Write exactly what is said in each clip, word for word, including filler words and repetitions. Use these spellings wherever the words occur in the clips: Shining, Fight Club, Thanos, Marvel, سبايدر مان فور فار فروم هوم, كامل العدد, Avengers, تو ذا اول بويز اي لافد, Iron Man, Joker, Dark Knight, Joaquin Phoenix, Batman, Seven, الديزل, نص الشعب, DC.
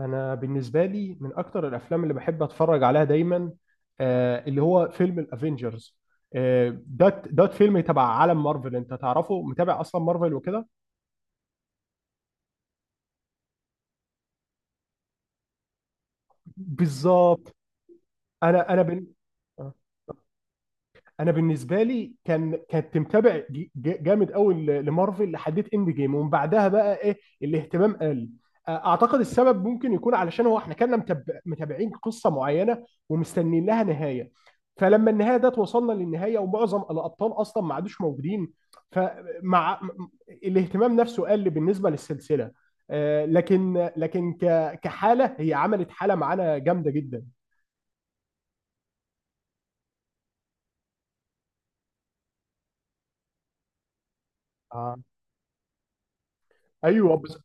انا بالنسبه لي من اكتر الافلام اللي بحب اتفرج عليها دايما، آه، اللي هو فيلم الافينجرز. آه، ده ده فيلم تبع عالم مارفل، انت تعرفه، متابع اصلا مارفل وكده. بالظبط. انا انا بن... آه. انا بالنسبه لي كان كنت متابع ج- ج- جامد قوي ل- لمارفل لحديت اند جيم، ومن بعدها بقى ايه، الاهتمام قل. اعتقد السبب ممكن يكون علشان هو احنا كنا متاب- متابعين قصه معينه ومستنيين لها نهايه، فلما النهايه ده توصلنا للنهايه ومعظم الابطال اصلا ما عادوش موجودين. فمع م- الاهتمام نفسه قل بالنسبه للسلسله. آه، لكن لكن ك- كحاله هي عملت حاله معانا جامده جدا. اه، ايوه بس.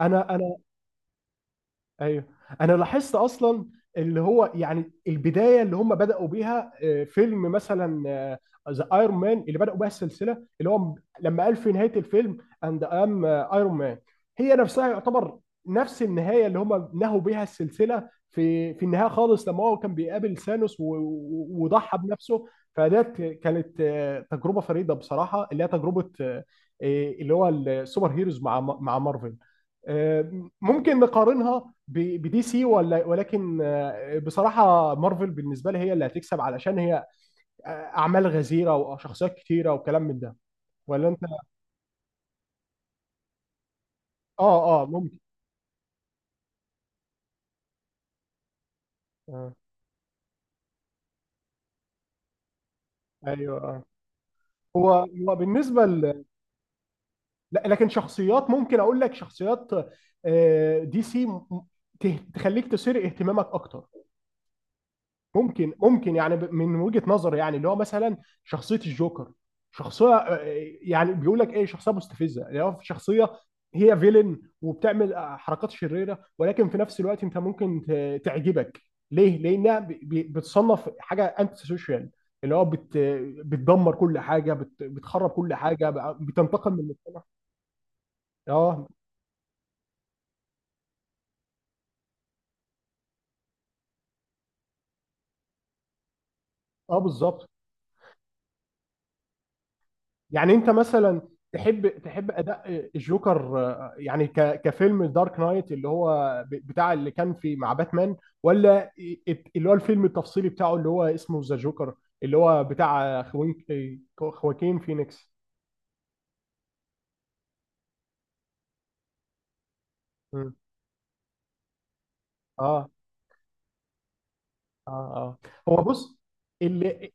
انا انا. ايوه. انا لاحظت اصلا اللي هو يعني البدايه اللي هم بداوا بيها، آه، فيلم مثلا ذا ايرون مان اللي بداوا بيها السلسله. اللي هو م- لما قال في نهايه الفيلم اند ام ايرون مان، هي نفسها يعتبر نفس النهايه اللي هم نهوا بيها السلسله، في في النهايه خالص لما هو كان بيقابل ثانوس و- و- وضحى بنفسه. فديت كانت آه، تجربه فريده بصراحه، اللي هي تجربه آه، آه، اللي هو السوبر هيروز مع مع مارفل. آه، ممكن نقارنها ب- بدي سي، ولا ولكن آه، بصراحة مارفل بالنسبة لي هي اللي هتكسب، علشان هي آه، أعمال غزيرة وشخصيات كتيرة وكلام من ده، ولا أنت؟ آه آه ممكن. آه. أيوه آه. هو هو بالنسبة ل... لا، لكن شخصيات ممكن أقول لك شخصيات، آه، دي سي م- ته- تخليك تثير اهتمامك أكتر. ممكن ممكن يعني ب- من وجهة نظر، يعني اللي هو مثلا شخصية الجوكر، شخصية، آه، يعني بيقول لك ايه، شخصية مستفزة، اللي هو شخصية هي فيلن وبتعمل آه، حركات شريرة، ولكن في نفس الوقت انت ممكن ت- تعجبك. ليه؟ لانها ب- ب- بتصنف حاجة انتي سوشيال، اللي هو بت بتدمر كل حاجة، بت بتخرب كل حاجة بقى- بتنتقم من المجتمع. اه اه بالظبط. يعني انت مثلا تحب تحب اداء الجوكر، آه، يعني ك- كفيلم دارك نايت، اللي هو ب- بتاع اللي كان في مع باتمان، ولا ات- اللي هو الفيلم التفصيلي بتاعه اللي هو اسمه ذا جوكر، اللي هو بتاع خوين- آه، خواكين فينيكس؟ مم. اه اه اه. هو بص اللي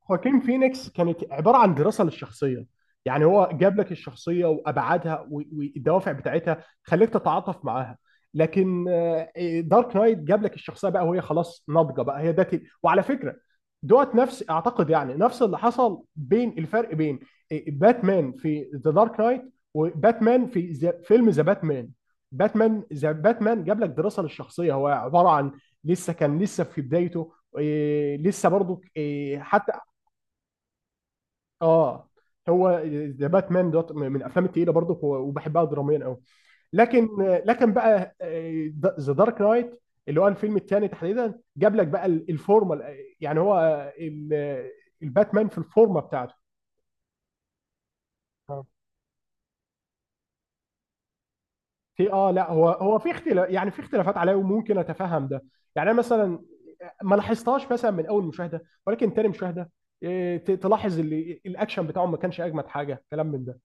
خواكين فينيكس كانت عباره عن دراسه للشخصيه، يعني هو جاب لك الشخصيه وابعادها و- والدوافع بتاعتها، خليك تتعاطف معاها. لكن آه، دارك نايت جاب لك الشخصيه بقى وهي خلاص ناضجه بقى هي ده. وعلى فكره، دوت نفس، اعتقد يعني نفس اللي حصل، بين الفرق بين آه، باتمان في ذا دارك نايت، وباتمان في ذا- فيلم ذا باتمان. باتمان ذا باتمان جاب لك دراسه للشخصيه، هو عباره عن لسه، كان لسه في بدايته. إيه، لسه برضو إيه حتى. اه. هو ذا باتمان دوت من الافلام التقيله برضو، وبحبها دراميا قوي. لكن آه، لكن بقى ذا دارك نايت، اللي هو الفيلم الثاني تحديدا، جاب لك بقى الفورمه، يعني هو آه، ال- آه، الباتمان في الفورمه بتاعته. في اه، لا هو هو في اختلاف، يعني في اختلافات عليا وممكن اتفهم ده. يعني انا مثلا ما لاحظتهاش مثلا من اول مشاهده، ولكن تاني مشاهده إيه، ت- تلاحظ اللي الاكشن بتاعهم ما كانش اجمد حاجه، كلام من ده.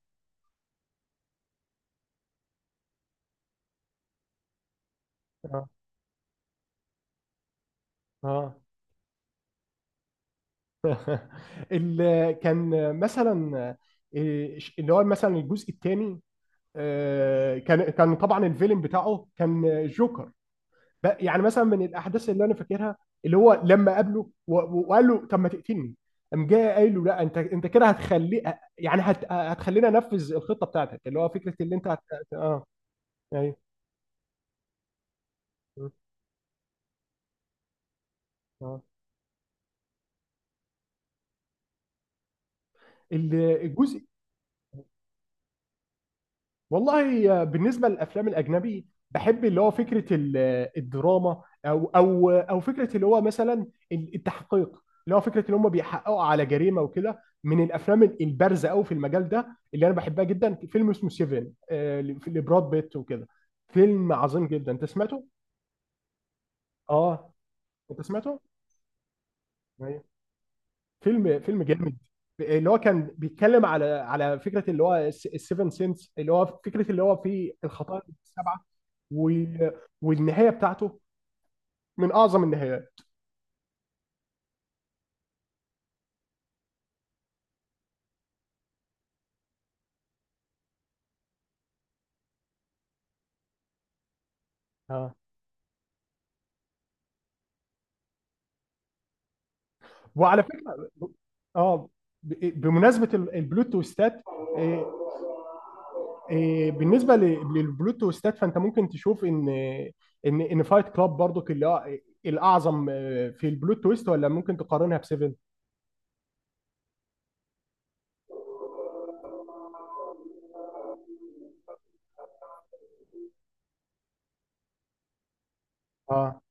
اه اه. اللي كان مثلا، إيه، اللي هو مثلا الجزء الثاني، كان كان طبعا الفيلم بتاعه كان جوكر. ب- يعني مثلا من الاحداث اللي انا فاكرها، اللي هو لما قابله و- و- وقال له طب ما تقتلني، قام جاي قايل له لا، انت انت كده هتخلي، يعني هت... هتخلينا انفذ الخطه بتاعتك، اللي هو فكره اللي انت هت... اه ايوه. اه. ال- الجزء. والله بالنسبة للأفلام الأجنبي، بحب اللي هو فكرة ال- الدراما، أو أو أو فكرة اللي هو مثلا التحقيق، اللي هو فكرة اللي هم بيحققوا على جريمة وكده. من الأفلام البارزة أوي في المجال ده اللي أنا بحبها جدا فيلم اسمه سيفن، آه، لبراد بيت وكده. فيلم عظيم جدا. أنت سمعته؟ أه. أنت سمعته؟ أيوه. فيلم فيلم جامد. اللي هو كان بيتكلم على على فكرة اللي هو السيفن سينس، اللي هو فكرة اللي هو في الخطايا السبعة. و... والنهايه بتاعته من اعظم النهايات. اه. وعلى فكره، اه، ب- بمناسبه ال- البلوت تويستات، إيه، إيه، بالنسبه ل- للبلوت تويستات، فانت ممكن تشوف ان ان ان فايت كلاب برضو الاعظم آه، في البلوت تويست، ولا ممكن تقارنها بسيفن؟ اه،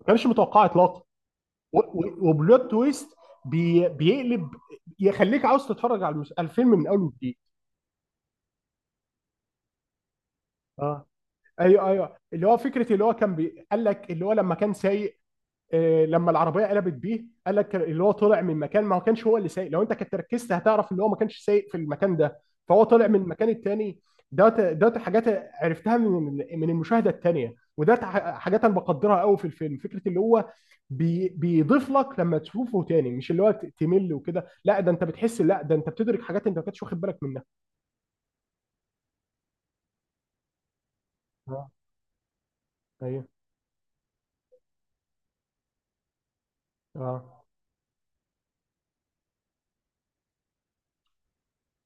ما كانش متوقع اطلاقا. و- و- وبلوت تويست بي بيقلب، يخليك عاوز تتفرج على المس- على الفيلم من اول وجديد. اه ايوه ايوه. اللي هو فكره اللي هو كان بي... قال لك اللي هو لما كان سايق، آه، لما العربيه قلبت بيه، قال لك اللي هو طلع من مكان، ما هو كانش هو اللي سايق، لو انت كنت ركزت هتعرف ان هو ما كانش سايق في المكان ده، فهو طلع من المكان التاني. دوت دوت حاجات عرفتها من من المشاهده التانيه، وده حاجات انا بقدرها قوي في الفيلم، فكره اللي هو بي بيضيف لك لما تشوفه تاني، مش اللي هو ت- تمل وكده. لا، ده انت بتحس، لا ده انت بتدرك حاجات انت ما كنتش واخد بالك منها. اه ايوه. اه.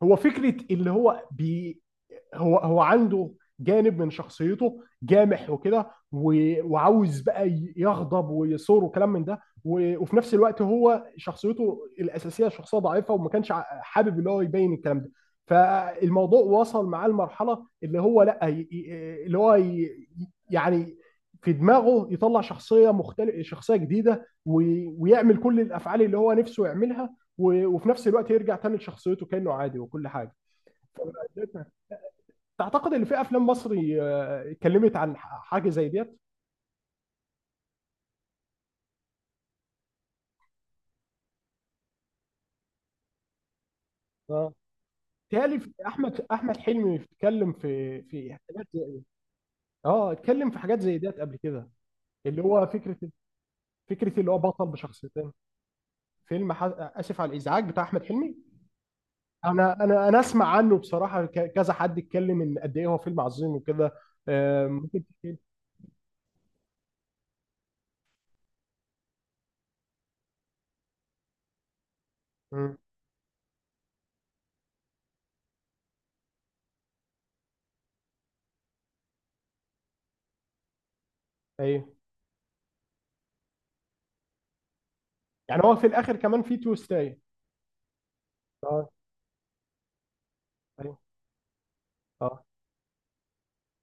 هو فكره اللي هو بي هو هو عنده جانب من شخصيته جامح وكده، و- وعاوز بقى ي- يغضب ويثور وكلام من ده، و- وفي نفس الوقت هو شخصيته الاساسيه شخصيه ضعيفه، وما كانش ع- حابب اللي هو يبين الكلام ده. فالموضوع وصل معاه لمرحله اللي هو لا ي- ي- اللي هو ي- يعني في دماغه يطلع شخصيه مختلف، شخصيه جديده، و- ويعمل كل الافعال اللي هو نفسه يعملها، و- وفي نفس الوقت يرجع تاني لشخصيته كانه عادي وكل حاجه. تعتقد ان في افلام مصري آه، اتكلمت عن ح- حاجه زي ديت؟ اه. تهيألي في- احمد احمد حلمي اتكلم في في حاجات زي- اه، اتكلم في حاجات زي ديت قبل كده. اللي هو فكره، فكره اللي هو بطل بشخصيتين. فيلم ح... اسف على الازعاج بتاع احمد حلمي. انا انا انا اسمع عنه بصراحه، ك... كذا حد اتكلم ان قد ايه هو فيلم عظيم وكده. آه، ممكن. مم. ايوه. يعني هو في الاخر كمان في تويستاية. اه ايوه. اه،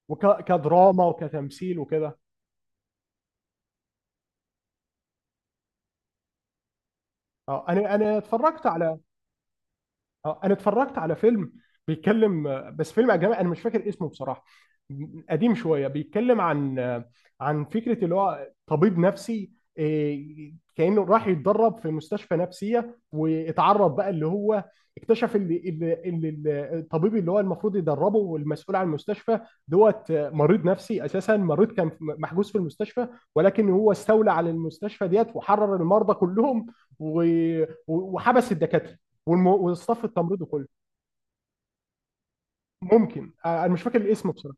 وكدراما وكتمثيل وكده. اه، انا انا اتفرجت على، اه، انا اتفرجت على فيلم بيتكلم، بس فيلم اجنبي انا مش فاكر اسمه بصراحه، قديم شويه، بيتكلم عن عن فكره اللي هو طبيب نفسي، إيه، كانه راح يتدرب في مستشفى نفسيه، واتعرض بقى اللي هو اكتشف اللي اللي الطبيب اللي هو المفروض يدربه والمسؤول عن المستشفى دوت مريض نفسي اساسا، مريض كان محجوز في المستشفى، ولكن هو استولى على المستشفى ديت وحرر المرضى كلهم، و- و- وحبس الدكاتره والم... والصف التمريضي كله. ممكن، آه، انا مش فاكر الاسم بصراحه.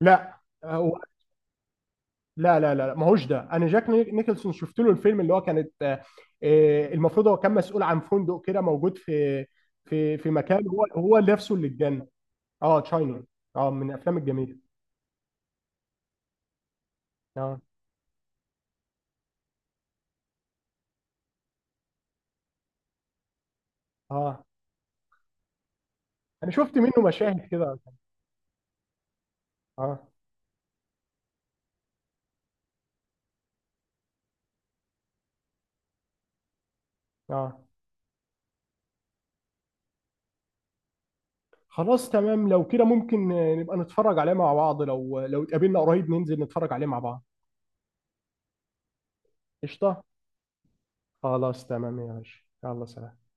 لا آه، هو- لا لا لا لا، ما هوش ده. انا جاك نيك- نيكلسون شفت له الفيلم، اللي هو كانت آه، آه، المفروض هو كان مسؤول عن فندق كده موجود في في في مكان، هو هو نفسه اللي اتجنن. اه، تشاينينج. اه، من الافلام الجميله. اه اه. انا شفت منه مشاهد كده. اه اه. خلاص تمام. لو كده ممكن آه، نبقى نتفرج عليه مع بعض، لو لو اتقابلنا قريب ننزل نتفرج عليه مع بعض. قشطه. خلاص تمام يا باشا. يلا سلام.